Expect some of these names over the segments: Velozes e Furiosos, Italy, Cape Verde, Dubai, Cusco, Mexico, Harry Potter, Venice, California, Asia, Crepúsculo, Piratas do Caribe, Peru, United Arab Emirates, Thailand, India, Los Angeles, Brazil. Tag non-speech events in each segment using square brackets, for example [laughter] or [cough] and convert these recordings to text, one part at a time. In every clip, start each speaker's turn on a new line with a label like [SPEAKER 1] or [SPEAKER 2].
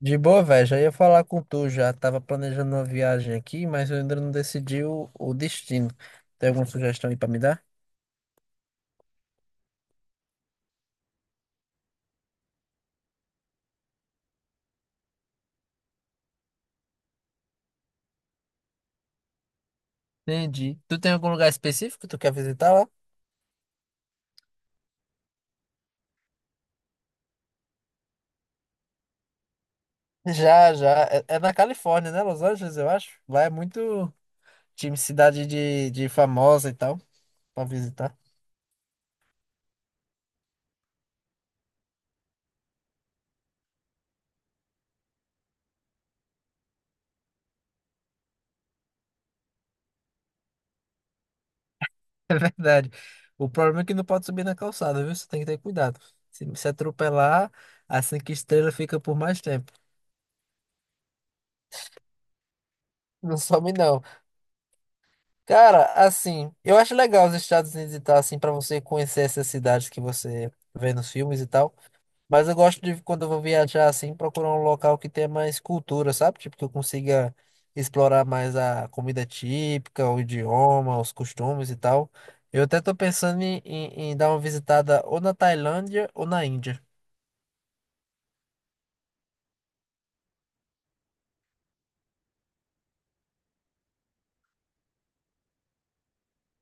[SPEAKER 1] De boa, velho. Já ia falar com tu já. Tava planejando uma viagem aqui, mas eu ainda não decidi o destino. Tem alguma sugestão aí pra me dar? Entendi. Tu tem algum lugar específico que tu quer visitar lá? Já, já. É na Califórnia, né? Los Angeles, eu acho. Lá é muito time cidade de famosa e tal. Para visitar. [laughs] Verdade. O problema é que não pode subir na calçada, viu? Você tem que ter cuidado. Se atropelar, a cinco estrelas fica por mais tempo. Não some, não. Cara, assim, eu acho legal os Estados Unidos e tal, assim, pra você conhecer essas cidades que você vê nos filmes e tal. Mas eu gosto de, quando eu vou viajar assim, procurar um local que tenha mais cultura, sabe? Tipo, que eu consiga explorar mais a comida típica, o idioma, os costumes e tal. Eu até tô pensando em dar uma visitada ou na Tailândia ou na Índia.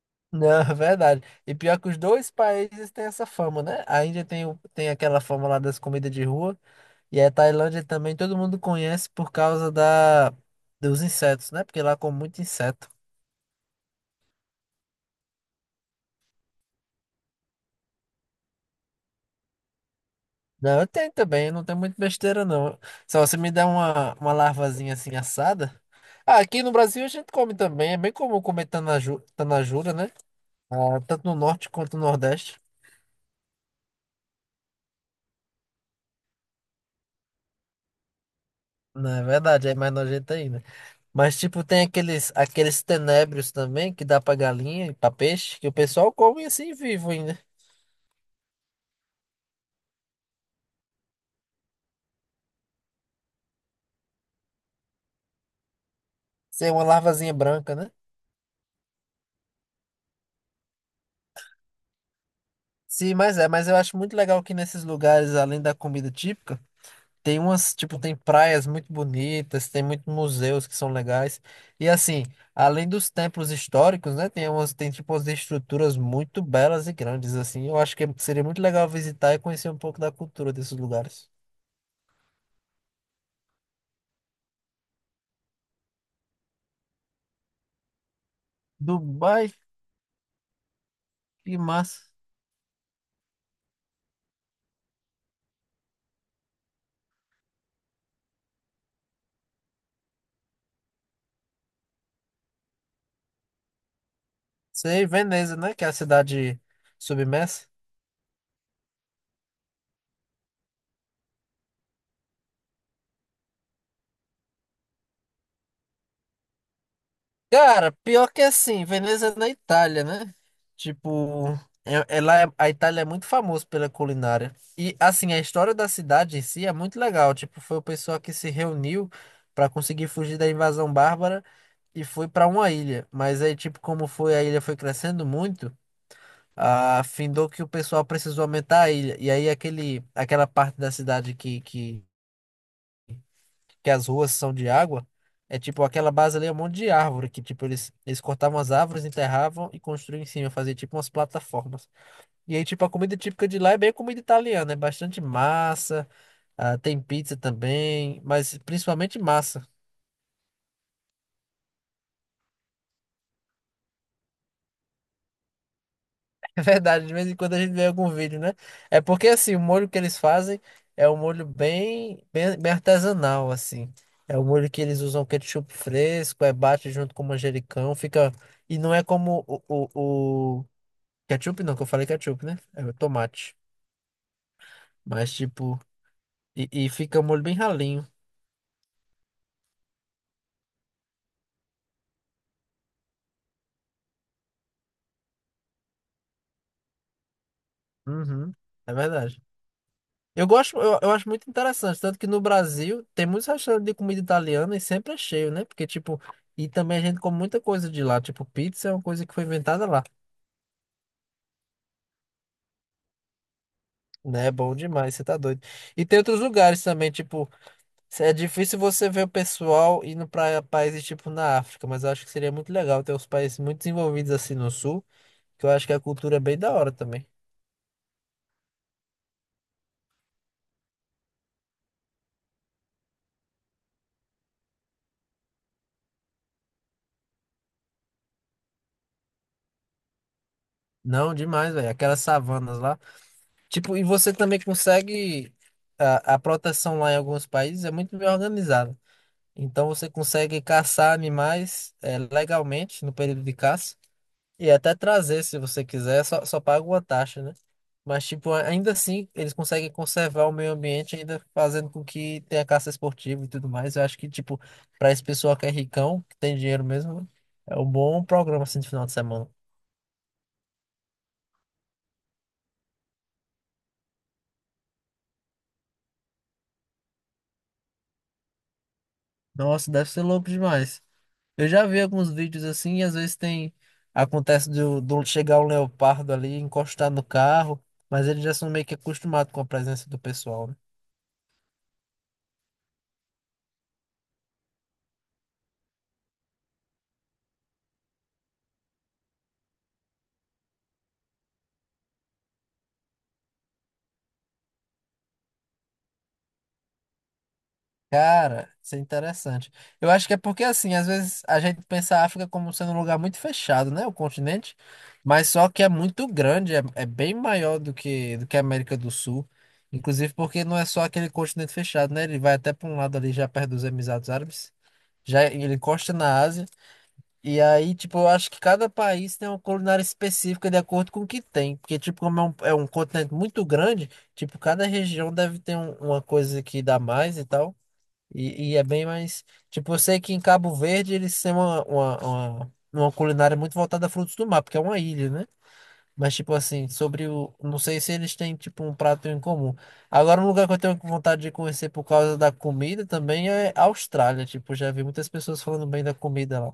[SPEAKER 1] [laughs] Não, é verdade. E pior que os dois países têm essa fama, né? A Índia tem, tem aquela fama lá das comidas de rua, e a Tailândia também todo mundo conhece por causa dos insetos, né? Porque lá come muito inseto. Não, eu tenho também, não tem muito besteira não. Se você me der uma larvazinha assim assada. Ah, aqui no Brasil a gente come também, é bem comum comer tanaju, tanajura, né? Ah, tanto no norte quanto no nordeste. Não, é verdade, é mais nojento ainda. Mas tipo, tem aqueles, aqueles tenébrios também que dá pra galinha e pra peixe, que o pessoal come assim vivo ainda. Sem uma larvazinha branca, né? Sim, mas é, mas eu acho muito legal que nesses lugares, além da comida típica. Tem umas, tipo, tem praias muito bonitas, tem muitos museus que são legais. E assim, além dos templos históricos, né, tem umas, tem tipo umas estruturas muito belas e grandes assim. Eu acho que seria muito legal visitar e conhecer um pouco da cultura desses lugares. Dubai, que massa. Sei, Veneza, né, que é a cidade submersa. Cara, pior que é assim, Veneza é na Itália, né? Tipo, é, é lá, a Itália é muito famosa pela culinária. E assim, a história da cidade em si é muito legal. Tipo, foi o pessoal que se reuniu pra conseguir fugir da invasão bárbara e foi pra uma ilha. Mas aí, tipo, como foi a ilha foi crescendo muito, ah, findou que o pessoal precisou aumentar a ilha. E aí aquele, aquela parte da cidade que as ruas são de água, é tipo aquela base ali é um monte de árvore que tipo eles cortavam as árvores, enterravam e construíam em cima, fazia tipo umas plataformas. E aí tipo a comida típica de lá é bem comida italiana, é bastante massa, ah, tem pizza também, mas principalmente massa. [laughs] É verdade, de vez em quando a gente vê algum vídeo, né? É porque assim, o molho que eles fazem é um molho bem artesanal assim. É o molho que eles usam ketchup fresco, é bate junto com manjericão, fica e não é como o- ketchup não, que eu falei ketchup, né? É o tomate. Mas, tipo, e fica um molho bem ralinho. Uhum, é verdade. Eu gosto, eu acho muito interessante. Tanto que no Brasil tem muitos restaurantes de comida italiana e sempre é cheio, né? Porque, tipo, e também a gente come muita coisa de lá. Tipo, pizza é uma coisa que foi inventada lá. Né? É bom demais, você tá doido. E tem outros lugares também, tipo, é difícil você ver o pessoal indo pra países, tipo, na África, mas eu acho que seria muito legal ter os países muito desenvolvidos assim no sul, que eu acho que a cultura é bem da hora também. Não, demais, velho. Aquelas savanas lá. Tipo, e você também consegue. A proteção lá em alguns países é muito bem organizada. Então você consegue caçar animais legalmente no período de caça. E até trazer, se você quiser, só paga uma taxa, né? Mas, tipo, ainda assim, eles conseguem conservar o meio ambiente, ainda fazendo com que tenha caça esportiva e tudo mais. Eu acho que, tipo, pra esse pessoal que é ricão, que tem dinheiro mesmo, é um bom programa assim de final de semana. Nossa, deve ser louco demais. Eu já vi alguns vídeos assim, e às vezes tem. Acontece do chegar um leopardo ali, encostar no carro, mas eles já são meio que acostumados com a presença do pessoal, né? Cara, isso é interessante. Eu acho que é porque, assim, às vezes a gente pensa a África como sendo um lugar muito fechado, né? O continente. Mas só que é muito grande, é, é bem maior do que a América do Sul. Inclusive porque não é só aquele continente fechado, né? Ele vai até para um lado ali, já perto dos Emirados Árabes. Já ele encosta na Ásia. E aí, tipo, eu acho que cada país tem uma culinária específica de acordo com o que tem. Porque, tipo, como é é um continente muito grande, tipo, cada região deve ter uma coisa que dá mais e tal. E é bem mais. Tipo, eu sei que em Cabo Verde eles têm uma culinária muito voltada a frutos do mar, porque é uma ilha, né? Mas, tipo assim, sobre o. Não sei se eles têm, tipo, um prato em comum. Agora, um lugar que eu tenho vontade de conhecer por causa da comida também é a Austrália. Tipo, já vi muitas pessoas falando bem da comida lá.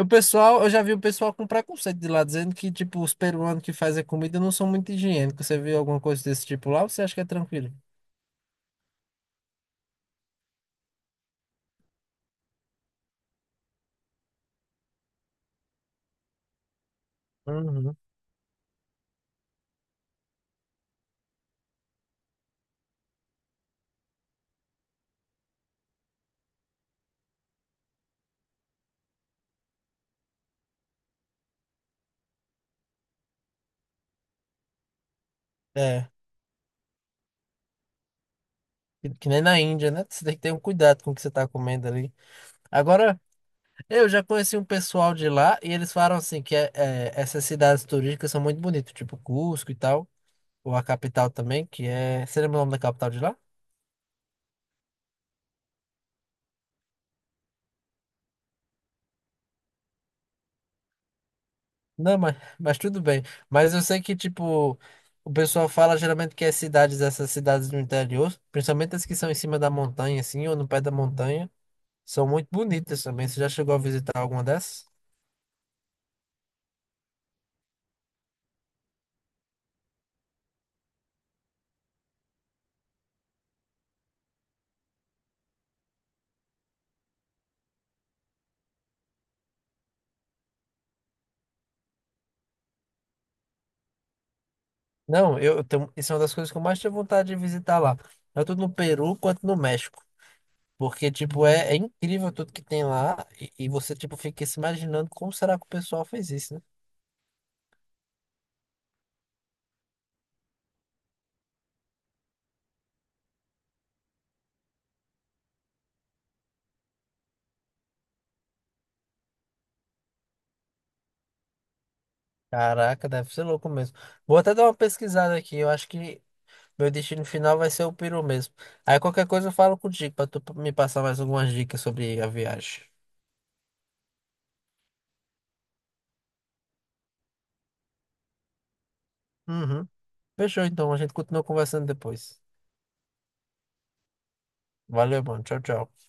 [SPEAKER 1] O pessoal, eu já vi o pessoal com preconceito de lá, dizendo que, tipo, os peruanos que fazem comida não são muito higiênicos. Você viu alguma coisa desse tipo lá ou você acha que é tranquilo? Uhum. É. Que nem na Índia, né? Você tem que ter um cuidado com o que você está comendo ali. Agora, eu já conheci um pessoal de lá e eles falaram assim que essas cidades turísticas são muito bonitas, tipo Cusco e tal, ou a capital também, que é. Você lembra o nome da capital de lá? Não, mas tudo bem. Mas eu sei que, tipo, o pessoal fala geralmente que as cidades, essas cidades do interior, principalmente as que são em cima da montanha, assim, ou no pé da montanha, são muito bonitas também. Você já chegou a visitar alguma dessas? Não, eu tenho, isso é uma das coisas que eu mais tenho vontade de visitar lá. Tanto no Peru quanto no México. Porque, tipo, é, é incrível tudo que tem lá. E você, tipo, fica se imaginando como será que o pessoal fez isso, né? Caraca, deve ser louco mesmo. Vou até dar uma pesquisada aqui. Eu acho que meu destino final vai ser o Peru mesmo. Aí qualquer coisa eu falo contigo pra tu me passar mais algumas dicas sobre a viagem. Uhum. Fechou, então. A gente continua conversando depois. Valeu, mano. Tchau, tchau.